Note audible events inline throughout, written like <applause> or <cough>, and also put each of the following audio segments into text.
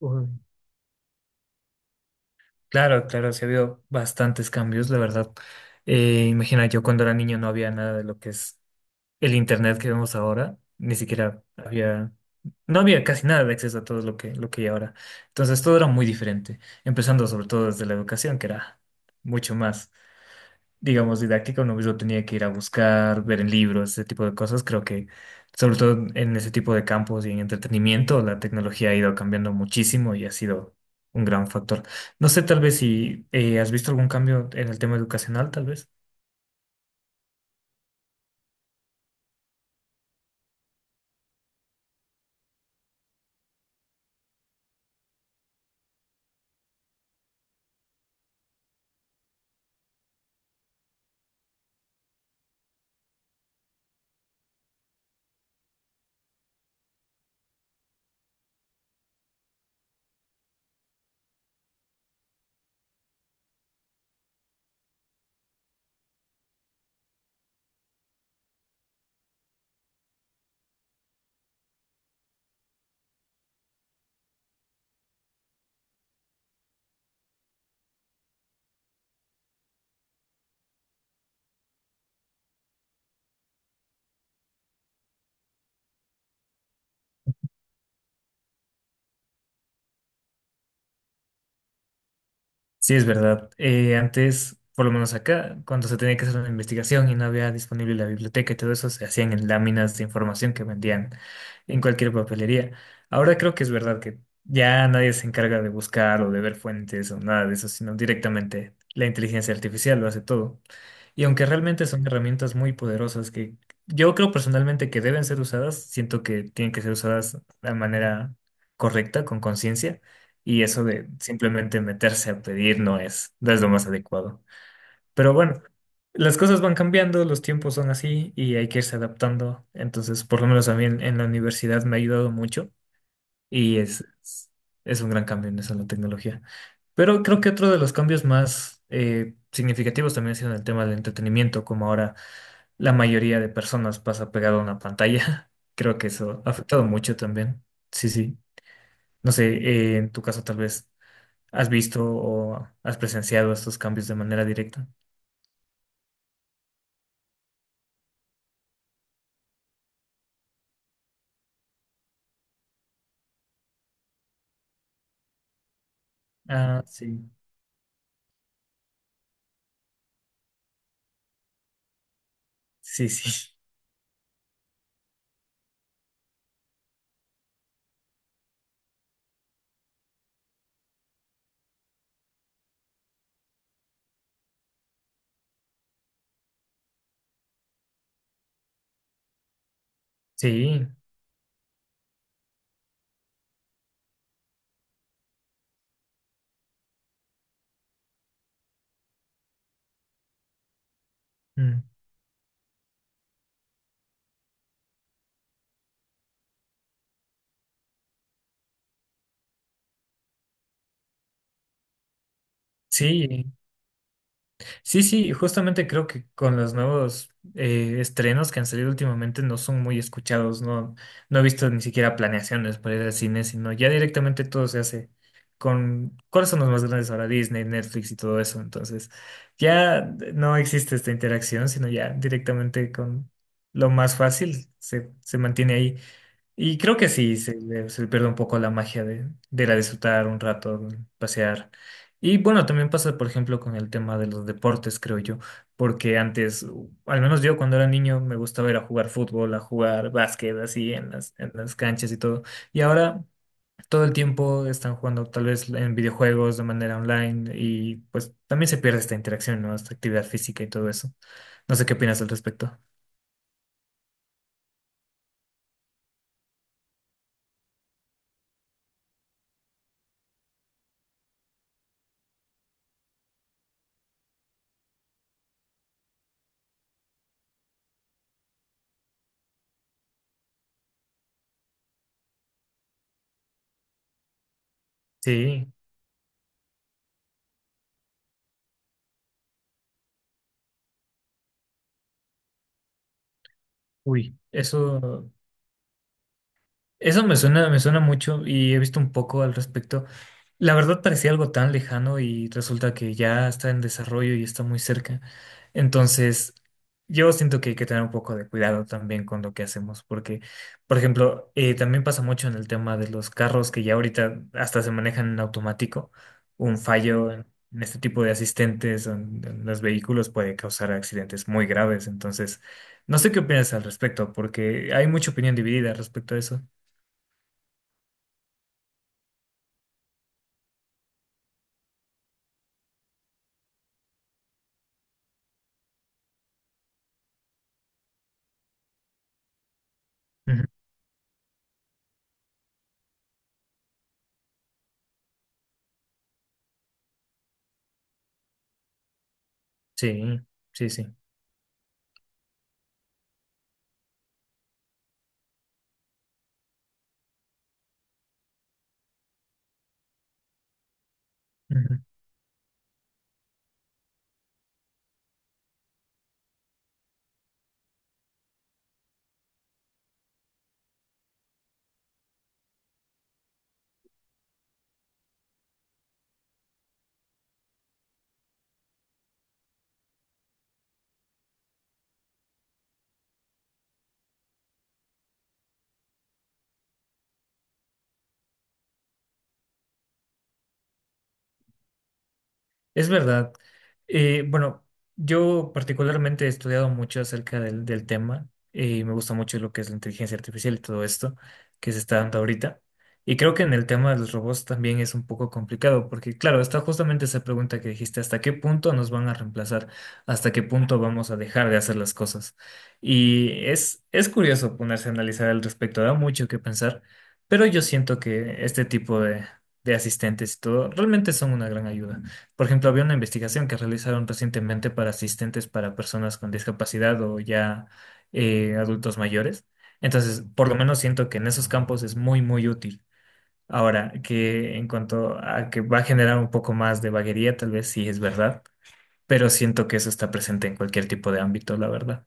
Uy, claro, claro, sí ha habido bastantes cambios, la verdad. Imagina, yo cuando era niño no había nada de lo que es el internet que vemos ahora, ni siquiera no había casi nada de acceso a todo lo que hay ahora. Entonces todo era muy diferente, empezando sobre todo desde la educación, que era mucho más, digamos, didáctica. Uno mismo tenía que ir a buscar, ver en libros, ese tipo de cosas. Sobre todo en ese tipo de campos y en entretenimiento, la tecnología ha ido cambiando muchísimo y ha sido un gran factor. No sé, tal vez si has visto algún cambio en el tema educacional, tal vez. Sí, es verdad. Antes, por lo menos acá, cuando se tenía que hacer una investigación y no había disponible la biblioteca y todo eso, se hacían en láminas de información que vendían en cualquier papelería. Ahora creo que es verdad que ya nadie se encarga de buscar o de ver fuentes o nada de eso, sino directamente la inteligencia artificial lo hace todo. Y aunque realmente son herramientas muy poderosas que yo creo personalmente que deben ser usadas, siento que tienen que ser usadas de manera correcta, con conciencia, y eso de simplemente meterse a pedir no es lo más adecuado. Pero bueno, las cosas van cambiando, los tiempos son así y hay que irse adaptando. Entonces, por lo menos a mí en la universidad me ha ayudado mucho y es un gran cambio en eso, la tecnología. Pero creo que otro de los cambios más significativos también ha sido en el tema del entretenimiento, como ahora la mayoría de personas pasa pegado a una pantalla. <laughs> Creo que eso ha afectado mucho también. Sí, sí. No sé, en tu caso tal vez has visto o has presenciado estos cambios de manera directa. Ah, sí. Sí, sí. <laughs> Sí. Mm. Sí. Sí, sí, justamente creo que con los nuevos estrenos que han salido últimamente no son muy escuchados, no he visto ni siquiera planeaciones para ir al cine, sino ya directamente todo se hace con, ¿cuáles son los más grandes ahora? Disney, Netflix y todo eso, entonces ya no existe esta interacción, sino ya directamente con lo más fácil se mantiene ahí. Y creo que sí, se le pierde un poco la magia de ir a disfrutar un rato, de pasear. Y bueno, también pasa, por ejemplo, con el tema de los deportes, creo yo, porque antes, al menos yo cuando era niño, me gustaba ir a jugar fútbol, a jugar básquet, así en en las canchas y todo. Y ahora todo el tiempo están jugando tal vez en videojuegos de manera online y pues también se pierde esta interacción, ¿no? Esta actividad física y todo eso. No sé qué opinas al respecto. Sí, uy, eso. Eso me suena mucho y he visto un poco al respecto. La verdad parecía algo tan lejano y resulta que ya está en desarrollo y está muy cerca. Entonces, yo siento que hay que tener un poco de cuidado también con lo que hacemos, porque, por ejemplo, también pasa mucho en el tema de los carros que ya ahorita hasta se manejan en automático. Un fallo en este tipo de asistentes o en los vehículos puede causar accidentes muy graves. Entonces, no sé qué opinas al respecto, porque hay mucha opinión dividida respecto a eso. Ujú. Sí, sí, sí. Ujú. Es verdad. Bueno, yo particularmente he estudiado mucho acerca del tema y me gusta mucho lo que es la inteligencia artificial y todo esto que se está dando ahorita. Y creo que en el tema de los robots también es un poco complicado porque, claro, está justamente esa pregunta que dijiste, ¿hasta qué punto nos van a reemplazar? ¿Hasta qué punto vamos a dejar de hacer las cosas? Y es curioso ponerse a analizar al respecto, da mucho que pensar, pero yo siento que este tipo de asistentes y todo realmente son una gran ayuda. Por ejemplo, había una investigación que realizaron recientemente para asistentes para personas con discapacidad o ya adultos mayores. Entonces, por lo menos siento que en esos campos es muy, muy útil. Ahora, que en cuanto a que va a generar un poco más de vaguería, tal vez sí es verdad, pero siento que eso está presente en cualquier tipo de ámbito, la verdad.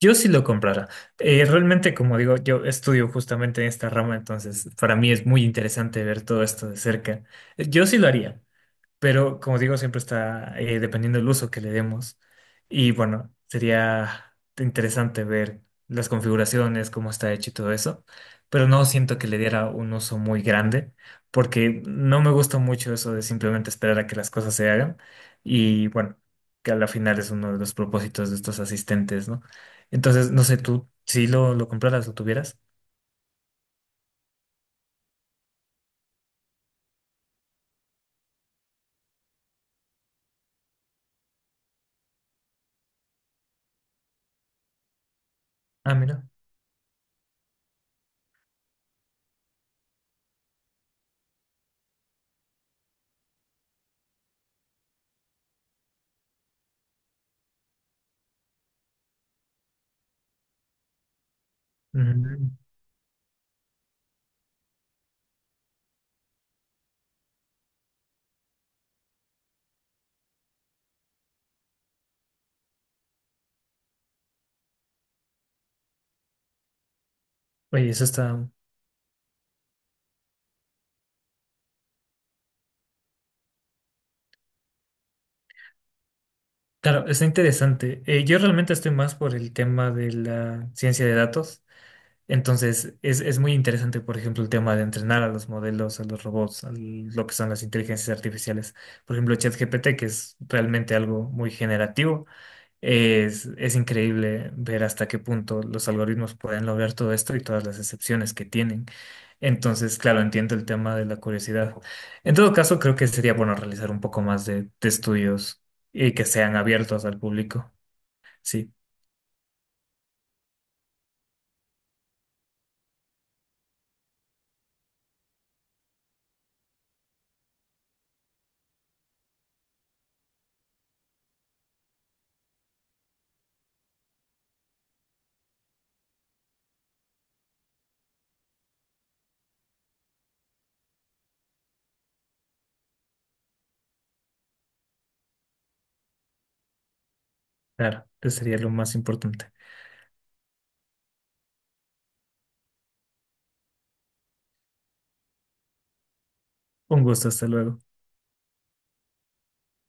Yo sí lo comprara. Realmente, como digo, yo estudio justamente en esta rama, entonces para mí es muy interesante ver todo esto de cerca. Yo sí lo haría. Pero como digo, siempre está dependiendo del uso que le demos. Y bueno, sería interesante ver las configuraciones, cómo está hecho y todo eso. Pero no siento que le diera un uso muy grande, porque no me gusta mucho eso de simplemente esperar a que las cosas se hagan. Y bueno, que a la final es uno de los propósitos de estos asistentes, ¿no? Entonces, no sé, tú si lo compraras, lo tuvieras. Ah, mira. Ujú. Oye, eso está. Claro, está interesante. Yo realmente estoy más por el tema de la ciencia de datos. Entonces, es muy interesante, por ejemplo, el tema de entrenar a los modelos, a los robots, a lo que son las inteligencias artificiales. Por ejemplo, ChatGPT, que es realmente algo muy generativo. Es increíble ver hasta qué punto los algoritmos pueden lograr todo esto y todas las excepciones que tienen. Entonces, claro, entiendo el tema de la curiosidad. En todo caso, creo que sería bueno realizar un poco más de estudios y que sean abiertos al público. Sí, claro, eso sería lo más importante. Un gusto, hasta luego.